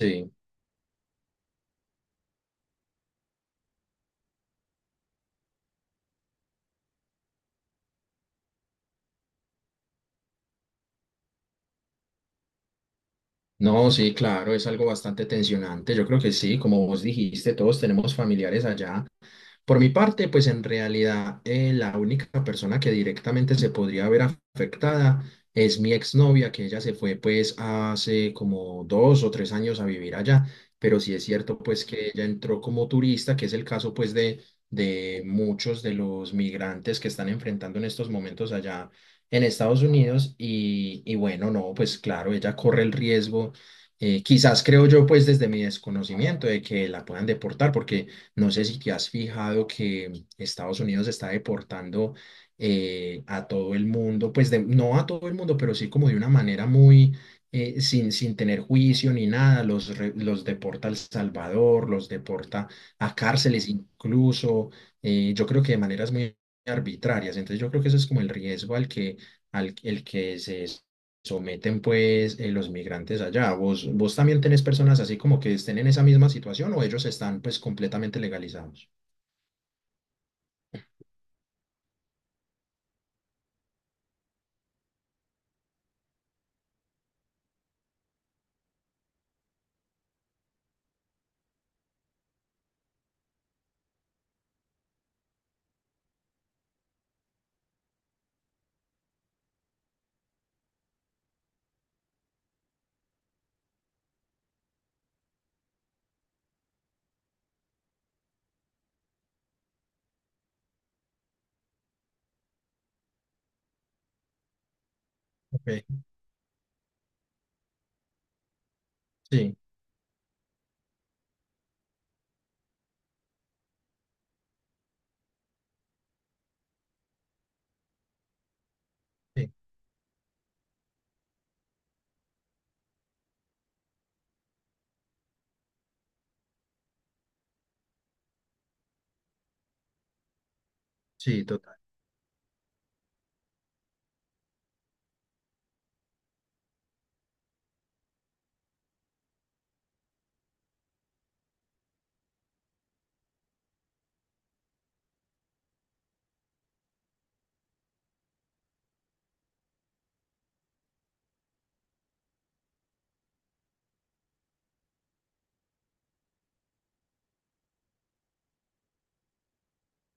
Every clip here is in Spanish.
Sí, no, sí, claro, es algo bastante tensionante. Yo creo que sí, como vos dijiste, todos tenemos familiares allá. Por mi parte, pues en realidad la única persona que directamente se podría ver afectada es mi exnovia, que ella se fue pues hace como 2 o 3 años a vivir allá, pero sí es cierto pues que ella entró como turista, que es el caso pues de muchos de los migrantes que están enfrentando en estos momentos allá en Estados Unidos y bueno, no, pues claro, ella corre el riesgo. Quizás creo yo, pues desde mi desconocimiento, de que la puedan deportar, porque no sé si te has fijado que Estados Unidos está deportando a todo el mundo, pues no a todo el mundo, pero sí como de una manera muy, sin tener juicio ni nada, los deporta a El Salvador, los deporta a cárceles incluso, yo creo que de maneras muy arbitrarias. Entonces yo creo que eso es como el riesgo al el que se someten pues los migrantes allá. ¿Vos también tenés personas así como que estén en esa misma situación o ellos están pues completamente legalizados? Ok. Sí, sí, sí, total.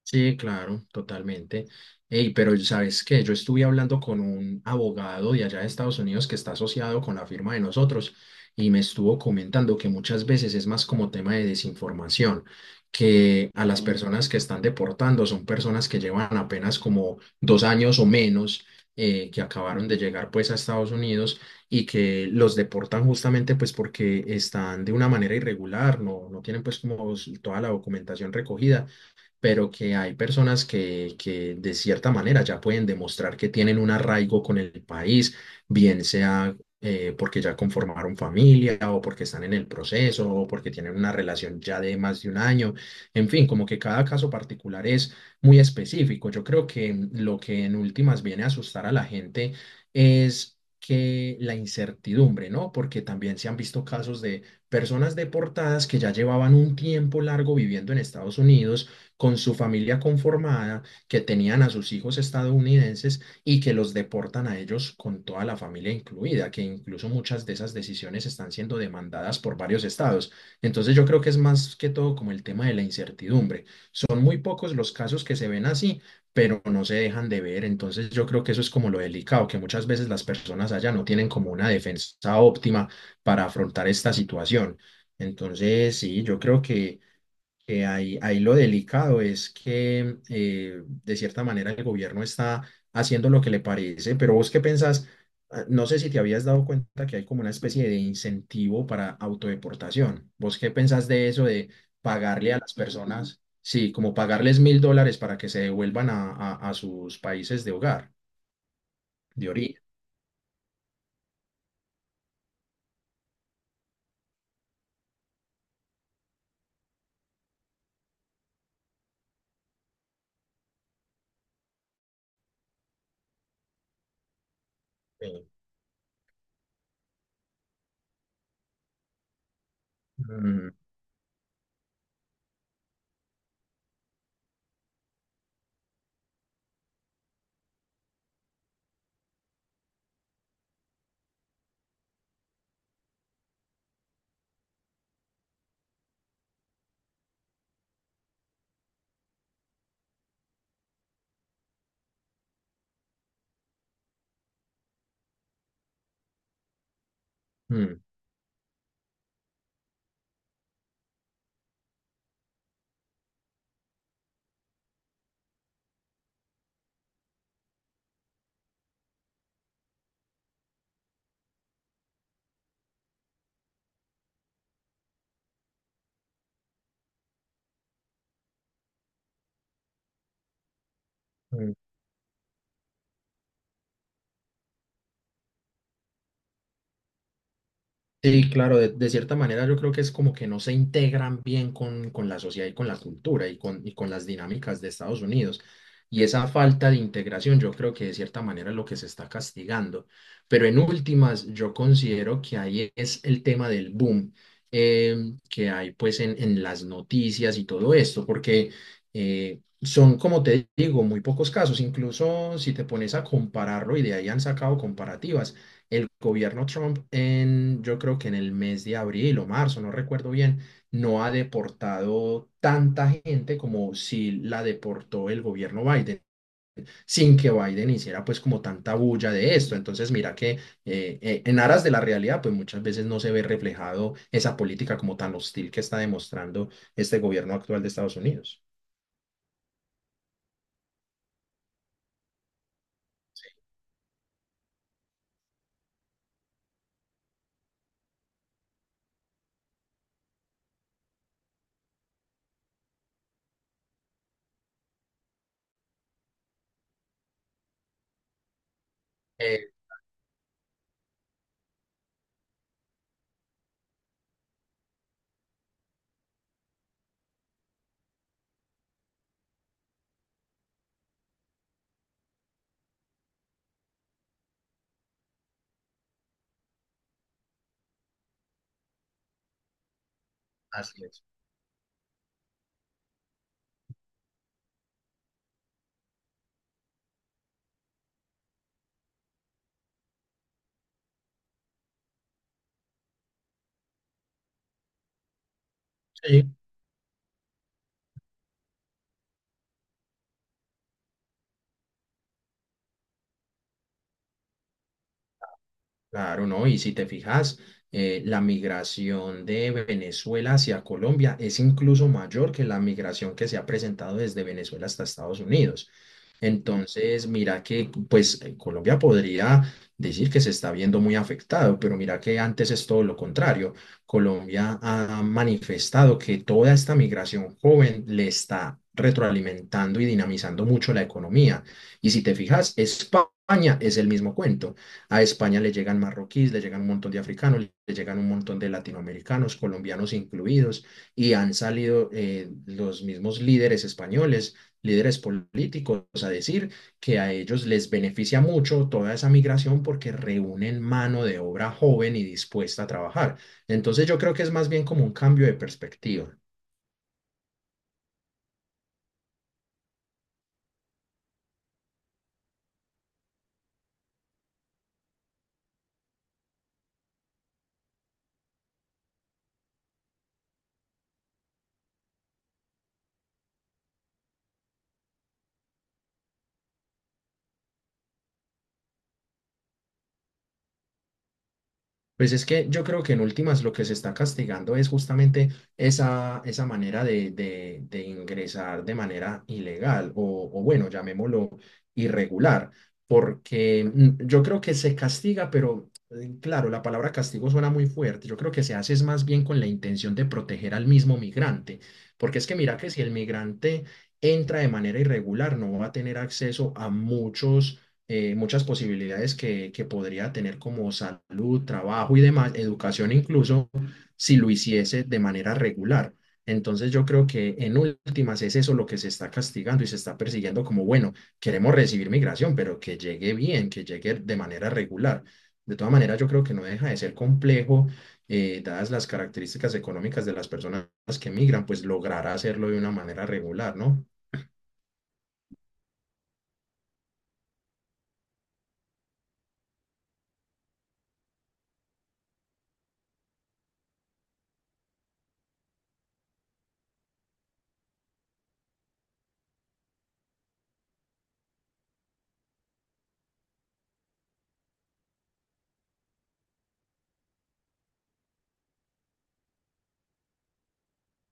Sí, claro, totalmente. Ey, pero ¿sabes qué? Yo estuve hablando con un abogado de allá de Estados Unidos que está asociado con la firma de nosotros y me estuvo comentando que muchas veces es más como tema de desinformación, que a las personas que están deportando son personas que llevan apenas como 2 años o menos, que acabaron de llegar pues a Estados Unidos y que los deportan justamente pues porque están de una manera irregular, no tienen pues como toda la documentación recogida, pero que hay personas que de cierta manera ya pueden demostrar que tienen un arraigo con el país, bien sea porque ya conformaron familia o porque están en el proceso o porque tienen una relación ya de más de 1 año. En fin, como que cada caso particular es muy específico. Yo creo que lo que en últimas viene a asustar a la gente es que la incertidumbre, ¿no? Porque también se han visto casos de personas deportadas que ya llevaban un tiempo largo viviendo en Estados Unidos con su familia conformada, que tenían a sus hijos estadounidenses y que los deportan a ellos con toda la familia incluida, que incluso muchas de esas decisiones están siendo demandadas por varios estados. Entonces yo creo que es más que todo como el tema de la incertidumbre. Son muy pocos los casos que se ven así, pero no se dejan de ver. Entonces yo creo que eso es como lo delicado, que muchas veces las personas allá no tienen como una defensa óptima para afrontar esta situación. Entonces, sí, yo creo que ahí lo delicado es que de cierta manera el gobierno está haciendo lo que le parece, pero vos qué pensás. Ah, no sé si te habías dado cuenta que hay como una especie de incentivo para autodeportación. ¿Vos qué pensás de eso de pagarle a las personas, sí, como pagarles $1000 para que se devuelvan a sus países de hogar, de origen? Sí. Mm, mm, mm. Sí, claro, de cierta manera yo creo que es como que no se integran bien con la sociedad y con la cultura y con las dinámicas de Estados Unidos. Y esa falta de integración yo creo que de cierta manera es lo que se está castigando. Pero en últimas, yo considero que ahí es el tema del boom, eh, que hay pues en las noticias y todo esto, porque como te digo, muy pocos casos. Incluso si te pones a compararlo, y de ahí han sacado comparativas, el gobierno Trump en, yo creo que en el mes de abril o marzo, no recuerdo bien, no ha deportado tanta gente como si la deportó el gobierno Biden, sin que Biden hiciera pues como tanta bulla de esto. Entonces mira que en aras de la realidad pues muchas veces no se ve reflejado esa política como tan hostil que está demostrando este gobierno actual de Estados Unidos. Eh, así es. Sí. Claro, ¿no? Y si te fijas, la migración de Venezuela hacia Colombia es incluso mayor que la migración que se ha presentado desde Venezuela hasta Estados Unidos. Entonces, mira que pues Colombia podría decir que se está viendo muy afectado, pero mira que antes es todo lo contrario. Colombia ha manifestado que toda esta migración joven le está retroalimentando y dinamizando mucho la economía. Y si te fijas, España es el mismo cuento. A España le llegan marroquíes, le llegan un montón de africanos, le llegan un montón de latinoamericanos, colombianos incluidos, y han salido los mismos líderes españoles, líderes políticos, a decir que a ellos les beneficia mucho toda esa migración porque reúnen mano de obra joven y dispuesta a trabajar. Entonces yo creo que es más bien como un cambio de perspectiva. Pues es que yo creo que en últimas lo que se está castigando es justamente esa manera de ingresar de manera ilegal o bueno, llamémoslo irregular, porque mm, yo creo que se castiga, pero claro, la palabra castigo suena muy fuerte. Yo creo que se hace es más bien con la intención de proteger al mismo migrante, porque es que mira que si el migrante entra de manera irregular, no va a tener acceso a muchos muchas posibilidades que podría tener como salud, trabajo y demás, educación incluso, si lo hiciese de manera regular. Entonces yo creo que en últimas es eso lo que se está castigando y se está persiguiendo como, bueno, queremos recibir migración, pero que llegue bien, que llegue de manera regular. De todas maneras, yo creo que no deja de ser complejo, dadas las características económicas de las personas que migran, pues lograr hacerlo de una manera regular, ¿no?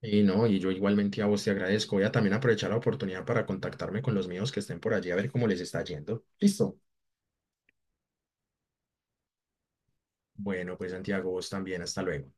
Y no, y yo igualmente a vos te agradezco. Voy a también aprovechar la oportunidad para contactarme con los míos que estén por allí a ver cómo les está yendo. Listo. Bueno, pues Santiago, vos también. Hasta luego.